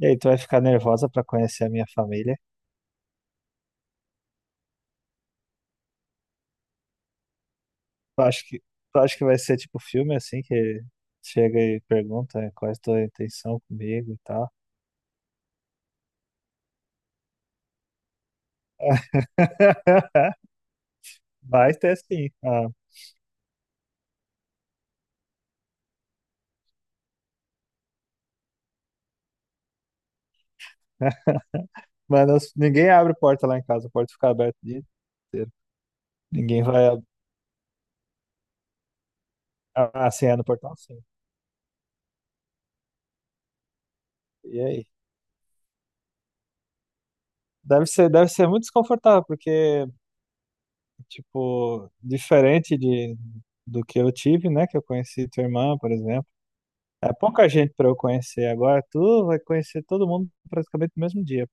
E aí, tu vai ficar nervosa pra conhecer a minha família? Tu acha que, tu acha que vai ser tipo filme assim, que chega e pergunta né, qual é a tua intenção comigo e tal? Vai ter sim. Ah, mas ninguém abre porta lá em casa, a porta fica aberta o dia inteiro. Ninguém vai. ab- Ah, sim, é no portão sim. E aí? Deve ser muito desconfortável, porque, tipo, diferente do que eu tive, né? Que eu conheci tua irmã, por exemplo. É pouca gente para eu conhecer agora. Tu vai conhecer todo mundo praticamente no mesmo dia.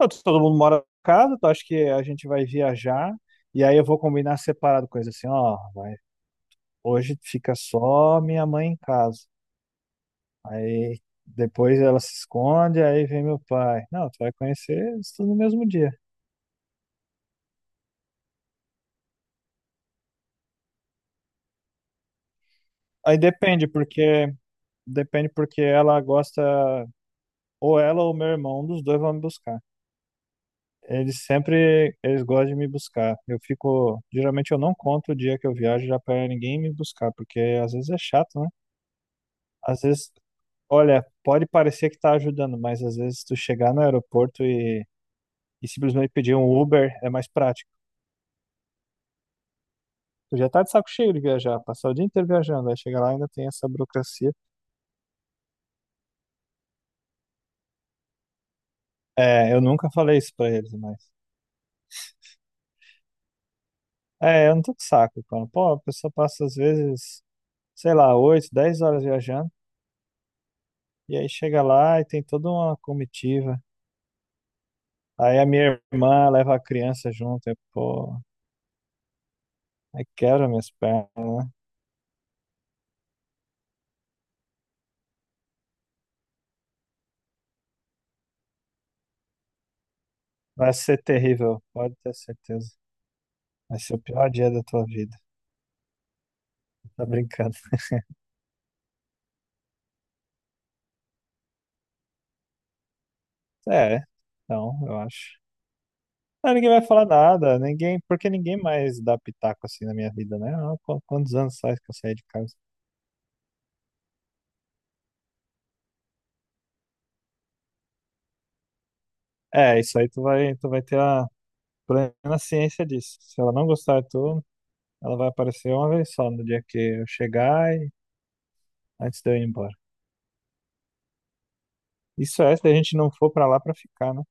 Todo mundo mora em casa, tu acha que a gente vai viajar e aí eu vou combinar separado coisa assim, ó, vai, hoje fica só minha mãe em casa. Aí depois ela se esconde, aí vem meu pai. Não, tu vai conhecer isso tudo no mesmo dia. Aí depende porque ela gosta ou ela ou meu irmão, um dos dois vão me buscar. Eles gostam de me buscar. Geralmente eu não conto o dia que eu viajo já para ninguém me buscar, porque às vezes é chato, né? Às vezes, olha, pode parecer que tá ajudando, mas às vezes tu chegar no aeroporto e simplesmente pedir um Uber é mais prático. Tu já tá de saco cheio de viajar, passar o dia inteiro viajando, aí chega lá e ainda tem essa burocracia. É, eu nunca falei isso para eles, mas é, eu não tô de saco, cara. Pô, a pessoa passa às vezes, sei lá, 8 10 horas viajando. E aí chega lá e tem toda uma comitiva. Aí a minha irmã leva a criança junto, e, pô, aí quebra minhas pernas, né? Vai ser terrível, pode ter certeza. Vai ser o pior dia da tua vida. Tá brincando. É, então, eu acho. Ah, ninguém vai falar nada, ninguém, porque ninguém mais dá pitaco assim na minha vida, né? Ah, Quantos anos faz que eu saí de casa? É, isso aí tu vai ter a plena ciência disso. Se ela não gostar de tu, ela vai aparecer uma vez só no dia que eu chegar e antes de eu ir embora. Isso é se a gente não for pra lá pra ficar, né?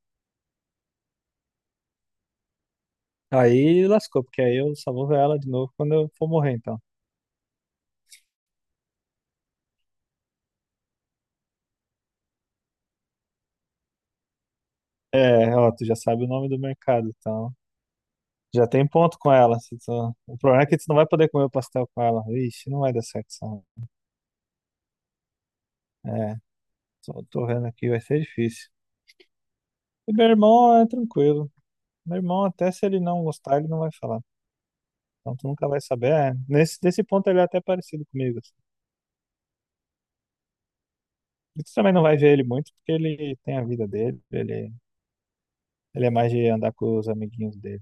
Aí lascou, porque aí eu só vou ver ela de novo quando eu for morrer, então. É, ó, tu já sabe o nome do mercado, então. Já tem ponto com ela. Se tu- O problema é que tu não vai poder comer o pastel com ela. Ixi, não vai dar certo isso, não. É, tô vendo aqui, vai ser difícil. E meu irmão é tranquilo. Meu irmão, até se ele não gostar, ele não vai falar. Então tu nunca vai saber. É, nesse ponto ele é até parecido comigo, assim. E tu também não vai ver ele muito, porque ele tem a vida dele. Ele é mais de andar com os amiguinhos dele.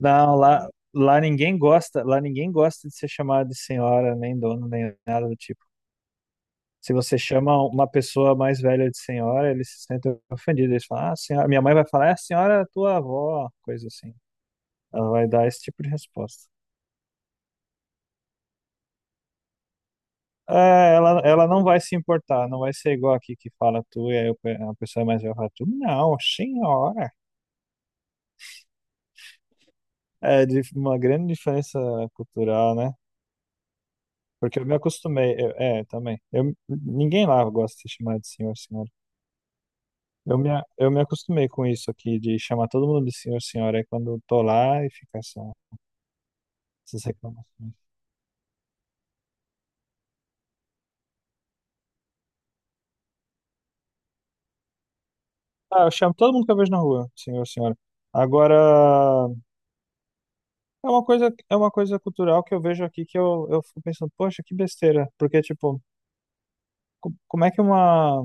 Não, lá ninguém gosta de ser chamado de senhora, nem dono, nem nada do tipo. Se você chama uma pessoa mais velha de senhora, eles se sentem ofendidos. Eles falam, ah, senhora, minha mãe vai falar, é a senhora é tua avó, coisa assim. Ela vai dar esse tipo de resposta. É, ela não vai se importar, não vai ser igual aqui que fala tu, e aí a pessoa mais velha fala tu, não, senhora. É de uma grande diferença cultural, né? Porque eu me acostumei, também. Ninguém lá gosta de ser chamado de senhor, senhora. Eu me acostumei com isso aqui, de chamar todo mundo de senhor, senhora. Aí quando eu tô lá, e fica essas reclamações. Ah, eu chamo todo mundo que eu vejo na rua, senhor, senhora. Agora, é uma coisa cultural que eu vejo aqui que eu fico pensando, poxa, que besteira. Porque, tipo, como é que uma,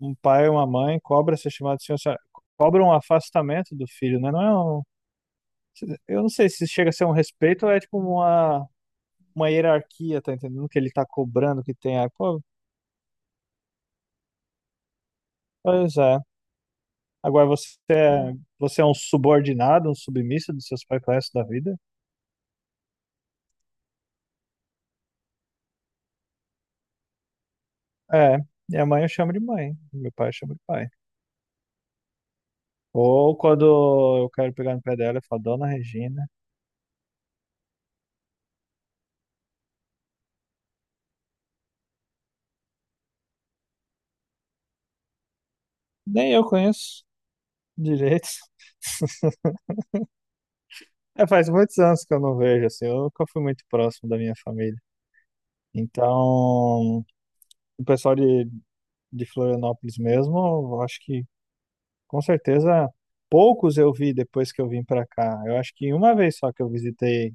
um pai ou uma mãe cobra ser chamado de senhor, senhora? Cobra um afastamento do filho, né? Não é um, eu não sei se chega a ser um respeito ou é, tipo, uma hierarquia, tá entendendo? Que ele tá cobrando que tem. Ah, pô, pois é. Agora você é um subordinado, um submisso dos seus pais pro resto da vida? É, minha mãe eu chamo de mãe, meu pai eu chamo de pai. Ou quando eu quero pegar no pé dela, eu falo, Dona Regina. Nem eu conheço direito. É, faz muitos anos que eu não vejo, assim, eu nunca fui muito próximo da minha família. Então, o pessoal de Florianópolis mesmo, eu acho que com certeza poucos eu vi depois que eu vim pra cá. Eu acho que uma vez só que eu visitei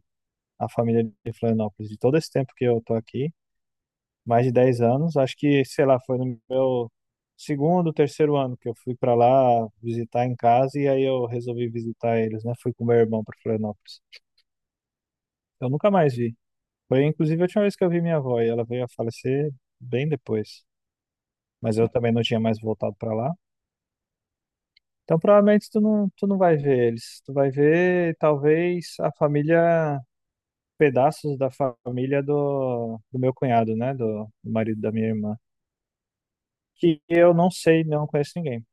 a família de Florianópolis. De todo esse tempo que eu tô aqui, mais de 10 anos, acho que, sei lá, foi no meu segundo, terceiro ano que eu fui para lá visitar em casa e aí eu resolvi visitar eles, né? Fui com meu irmão para Florianópolis. Eu nunca mais vi. Foi inclusive a última vez que eu vi minha avó e ela veio a falecer bem depois. Mas eu também não tinha mais voltado para lá. Então provavelmente tu não vai ver eles. Tu vai ver talvez a família, pedaços da família do meu cunhado, né? Do marido da minha irmã, que eu não sei, não conheço ninguém.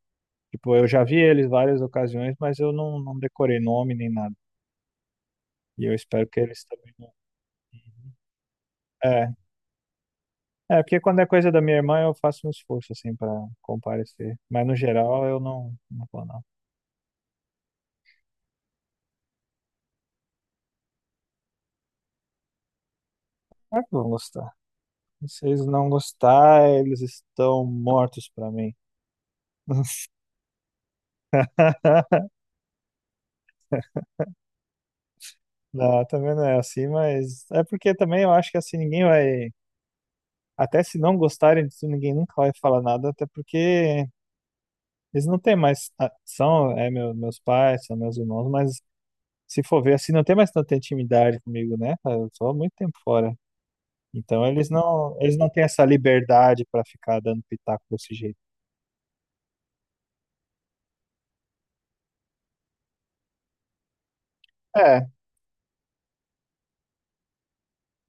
Tipo, eu já vi eles várias ocasiões, mas eu não decorei nome nem nada. E eu espero que eles também não. É, é porque quando é coisa da minha irmã, eu faço um esforço, assim, para comparecer. Mas no geral, eu não vou, não. Claro que vão gostar. Se eles não gostar, eles estão mortos para mim. Não, também não é assim, mas é porque também eu acho que assim ninguém vai. Até se não gostarem disso, ninguém nunca vai falar nada, até porque eles não têm mais. Ah, são, é, meus pais, são meus irmãos, mas se for ver assim, não tem mais tanta intimidade comigo, né? cara? Eu sou há muito tempo fora. Então eles não têm essa liberdade para ficar dando pitaco desse jeito. É,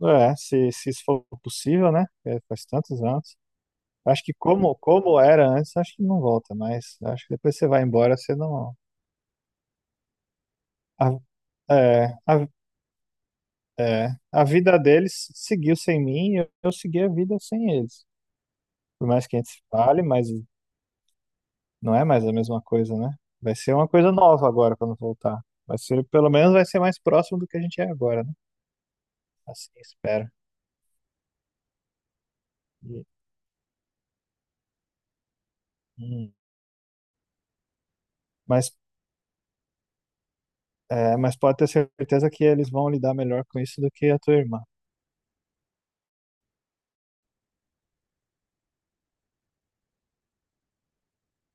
é, se isso for possível, né? É, faz tantos anos. Acho que como era antes, acho que não volta, mas acho que depois você vai embora, você não. a- é, a, a vida deles seguiu sem mim, eu segui a vida sem eles. Por mais que a gente se fale, mas não é mais a mesma coisa, né? Vai ser uma coisa nova agora quando voltar. Vai ser, pelo menos vai ser mais próximo do que a gente é agora, né? Assim, espero. E- hum. Mas, mas pode ter certeza que eles vão lidar melhor com isso do que a tua irmã.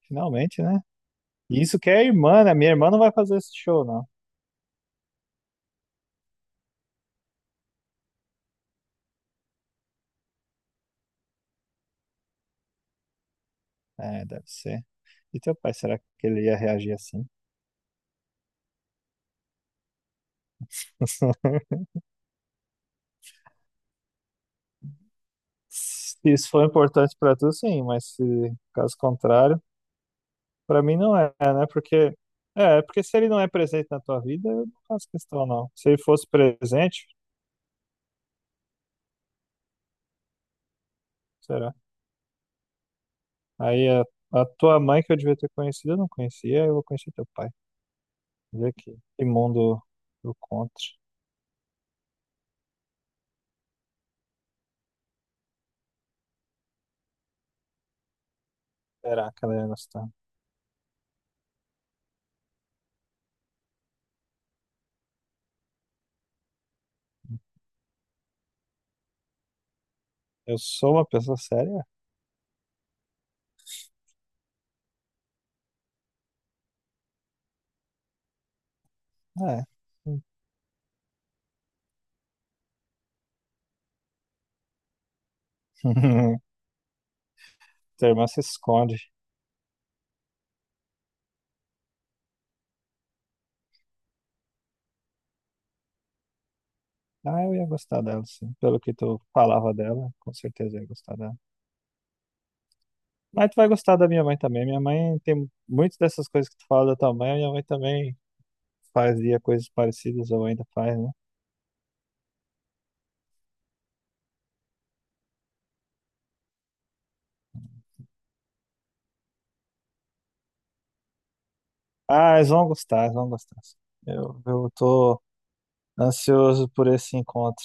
Finalmente, né? E isso que é irmã, né? Minha irmã não vai fazer esse show, não. É, deve ser. E teu pai, será que ele ia reagir assim? Se isso for importante pra tu, sim, mas se caso contrário. Pra mim não é, né? Porque se ele não é presente na tua vida, eu não faço questão, não. Se ele fosse presente, será? Aí a tua mãe que eu devia ter conhecido, eu não conhecia, eu vou conhecer teu pai. Vê que mundo do contra. Será que ela ia gostar? Eu sou uma pessoa séria? Ah, é. Hum. Tua irmã se esconde. Ah, eu ia gostar dela, sim. Pelo que tu falava dela, com certeza eu ia gostar dela. Mas tu vai gostar da minha mãe também. Minha mãe tem muitas dessas coisas que tu fala da tua mãe, minha mãe também fazia coisas parecidas ou ainda faz, né? Ah, eles vão gostar, eles vão gostar. Eu tô ansioso por esse encontro.